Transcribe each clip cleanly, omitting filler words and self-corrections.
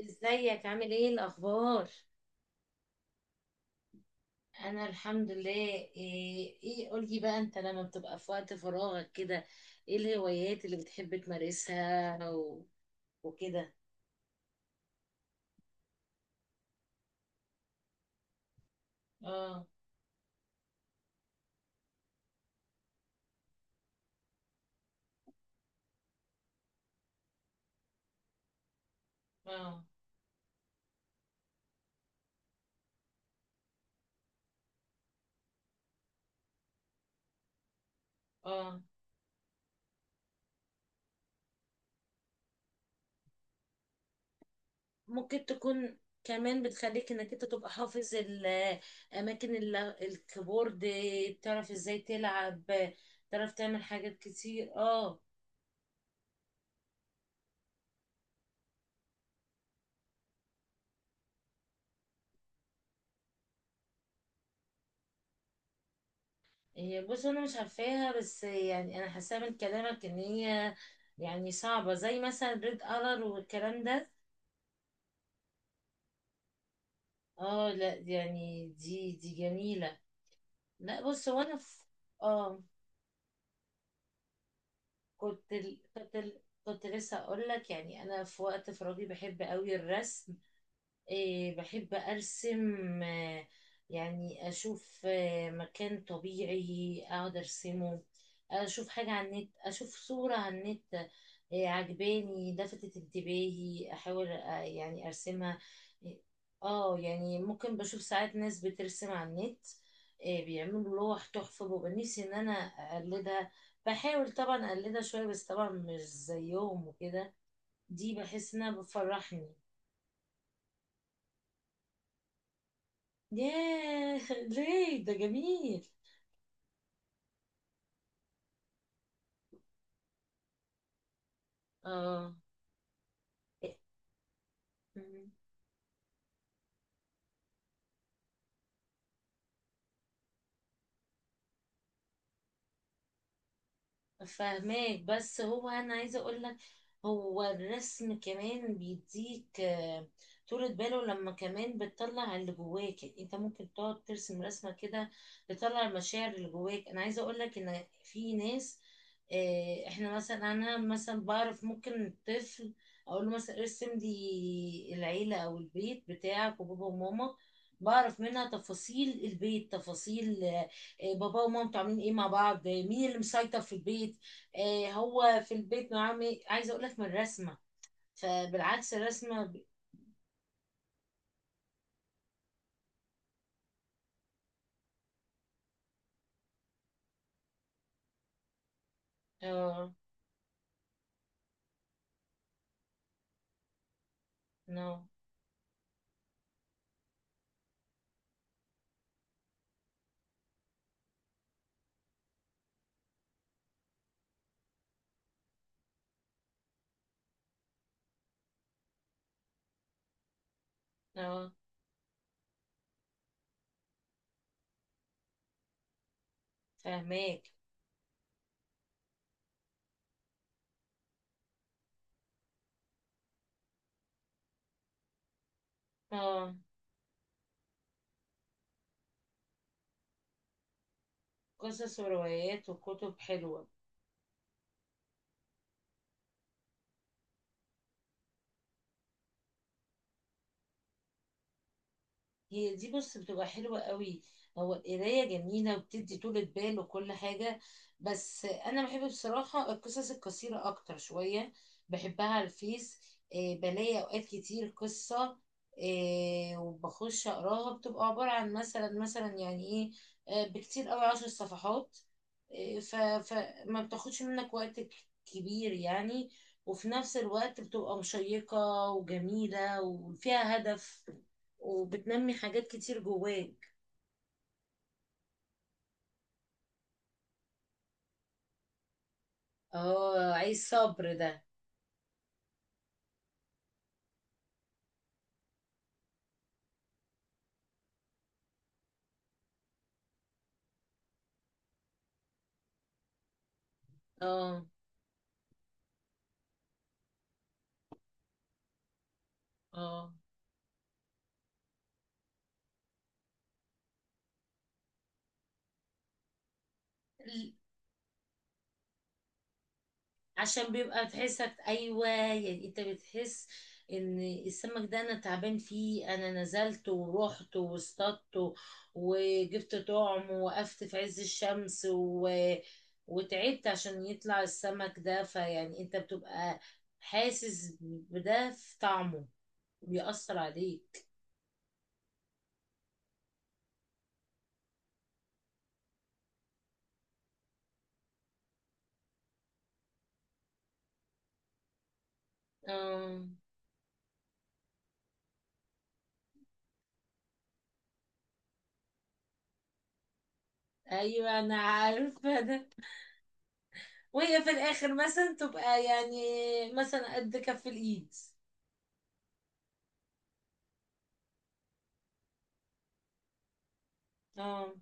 ازيك عامل ايه الاخبار؟ انا الحمد لله. إيه، قولي بقى، انت لما بتبقى في وقت فراغك كده، ايه الهوايات اللي بتحب تمارسها وكده؟ اه. اه. اه. ممكن تكون، كمان بتخليك انك انت تبقى حافظ الاماكن الكيبورد. تعرف ازاي تلعب، تعرف تعمل حاجات كتير. اه. هي، بص، انا مش عارفاها، بس يعني انا حاساها من كلامك ان هي يعني صعبة، زي مثلا ريد ألر والكلام ده. اه، لا يعني دي جميلة. لا، بص، هو انا في. اه. كنت ال... كنت ال... كنت لسه اقول لك، يعني انا في وقت فراغي بحب قوي الرسم. إيه، بحب أرسم، يعني أشوف مكان طبيعي أقعد أرسمه. أشوف حاجة على النت، أشوف صورة على النت عجباني، لفتت انتباهي، أحاول يعني أرسمها. اه، يعني ممكن بشوف ساعات ناس بترسم على النت، بيعملوا لوح تحفة، ببقى نفسي إن أنا أقلدها. بحاول طبعا أقلدها شوية، بس طبعا مش زيهم وكده. دي بحس إنها بتفرحني. ياه، دريك ده جميل. اه. إيه. مم. فاهماك، بس هو انا عايزه اقول لك، هو الرسم كمان بيديك طولة باله، لما كمان بتطلع اللي جواك، يعني انت ممكن تقعد ترسم رسمه كده، تطلع المشاعر اللي جواك. انا عايزه اقول لك ان في ناس، احنا مثلا، انا مثلا بعرف ممكن طفل اقول له مثلا ارسم لي العيله او البيت بتاعك وبابا وماما، بعرف منها تفاصيل البيت، تفاصيل بابا ومامته عاملين ايه مع بعض، مين اللي مسيطر في البيت، هو في البيت نوعا ما، عايزه اقول لك من الرسمه. فبالعكس الرسمه. اه. نو. اه. فاهماك. اه. قصص وروايات وكتب حلوه. هي دي، بص، بتبقى حلوة قوي. هو القراية جميلة وبتدي طولة بال وكل حاجة، بس أنا بحب بصراحة القصص القصيرة أكتر شوية. بحبها على الفيس، بلاقي أوقات كتير قصة وبخش أقراها، بتبقى عبارة عن مثلا يعني إيه، بكتير قوي 10 صفحات، فما بتاخدش منك وقت كبير يعني، وفي نفس الوقت بتبقى مشيقة وجميلة وفيها هدف وبتنمي حاجات كتير جواك. اه، عايز صبر ده. اه. اه. ال- عشان بيبقى تحسك، ايوه، يعني انت بتحس ان السمك ده انا تعبان فيه، انا نزلت ورحت واصطدت وجبت طعم ووقفت في عز الشمس وتعبت عشان يطلع السمك ده، فيعني انت بتبقى حاسس بده في طعمه، بيأثر عليك. اه، ايوه، انا عارفه ده. وهي في الاخر مثلا تبقى يعني مثلا قد كف الايد. اه.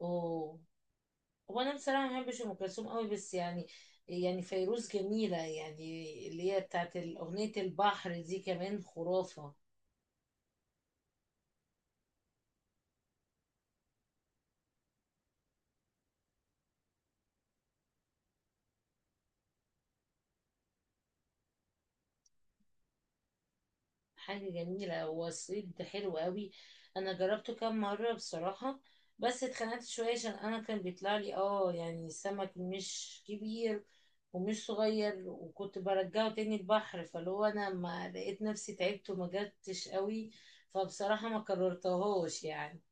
اوه. هو انا بصراحه ما بحبش ام كلثوم قوي، بس يعني فيروز جميله، يعني اللي هي بتاعت اغنيه البحر دي، كمان خرافه. حاجة جميلة، هو الصيد ده حلو قوي. انا جربته كام مرة بصراحة، بس اتخنقت شوية عشان انا كان بيطلع لي، يعني سمك مش كبير ومش صغير، وكنت برجعه تاني البحر، فاللي هو انا ما لقيت نفسي، تعبت وما جبتش قوي، فبصراحة ما كررتهوش يعني.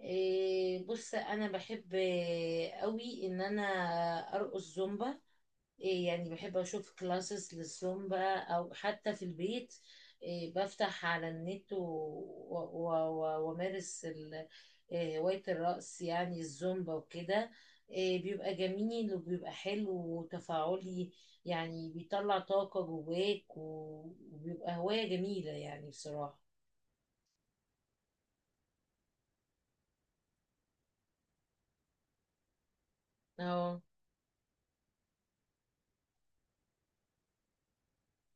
إيه، بص، انا بحب قوي ان انا ارقص زومبا. إيه، يعني بحب اشوف كلاسز للزومبا، او حتى في البيت، إيه بفتح على النت وامارس إيه، هواية الرقص يعني الزومبا وكده. إيه، بيبقى جميل وبيبقى حلو وتفاعلي، يعني بيطلع طاقة جواك و- وبيبقى هواية جميلة يعني بصراحة. اه.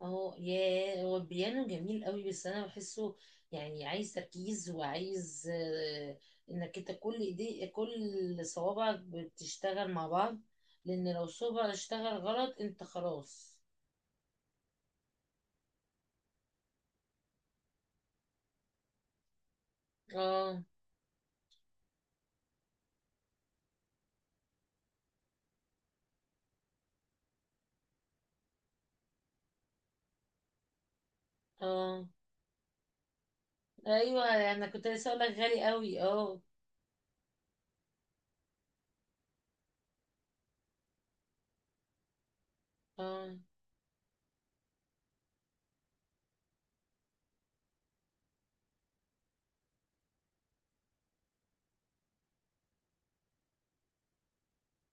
اه. ياه، هو البيانو جميل قوي، بس انا بحسه يعني عايز تركيز وعايز انك انت كل ايدي، كل صوابعك بتشتغل مع بعض، لان لو صوبع اشتغل غلط انت خلاص. اه. اه. ايوه، انا كنت لسه اقول لك غالي قوي. اه. اه.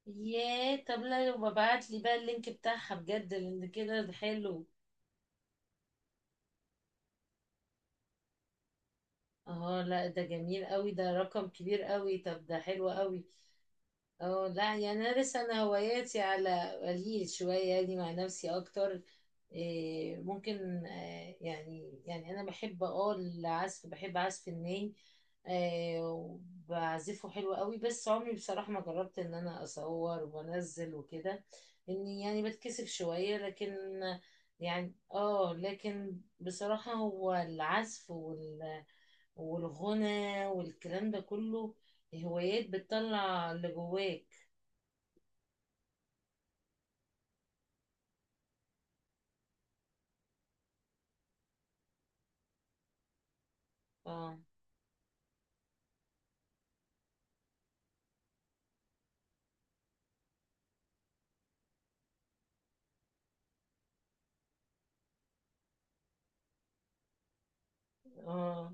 ياه، طب لا يبقى ابعت لي بقى اللينك بتاعها بجد، لان كده ده حلو. اه، لا ده جميل قوي، ده رقم كبير قوي، طب ده حلو قوي. اه، لا يعني انا هواياتي على قليل شويه يعني، مع نفسي اكتر. إيه، ممكن، يعني انا بحب، العزف، بحب عزف الناي، وبعزفه حلو قوي، بس عمري بصراحه ما جربت ان انا اصور وانزل وكده، اني يعني بتكسف شويه، لكن يعني، لكن بصراحه هو العزف والغنى والكلام ده كله هوايات بتطلع اللي جواك. اه. اه.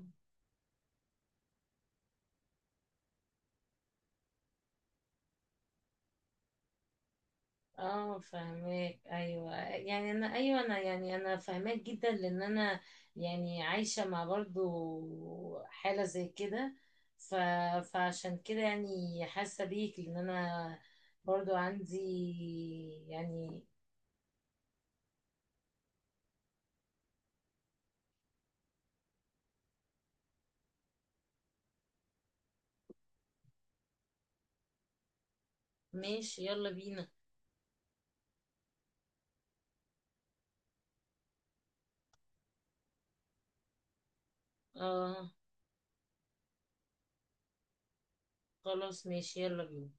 اه. فاهماك. ايوه، يعني انا، ايوه، انا يعني انا فاهماك جدا، لان انا يعني عايشه مع برضو حاله زي كده، ف... فعشان كده يعني حاسه بيك، لان انا برضو عندي، يعني. ماشي، يلا بينا. اه، خلاص، ماشي، يلا بينا.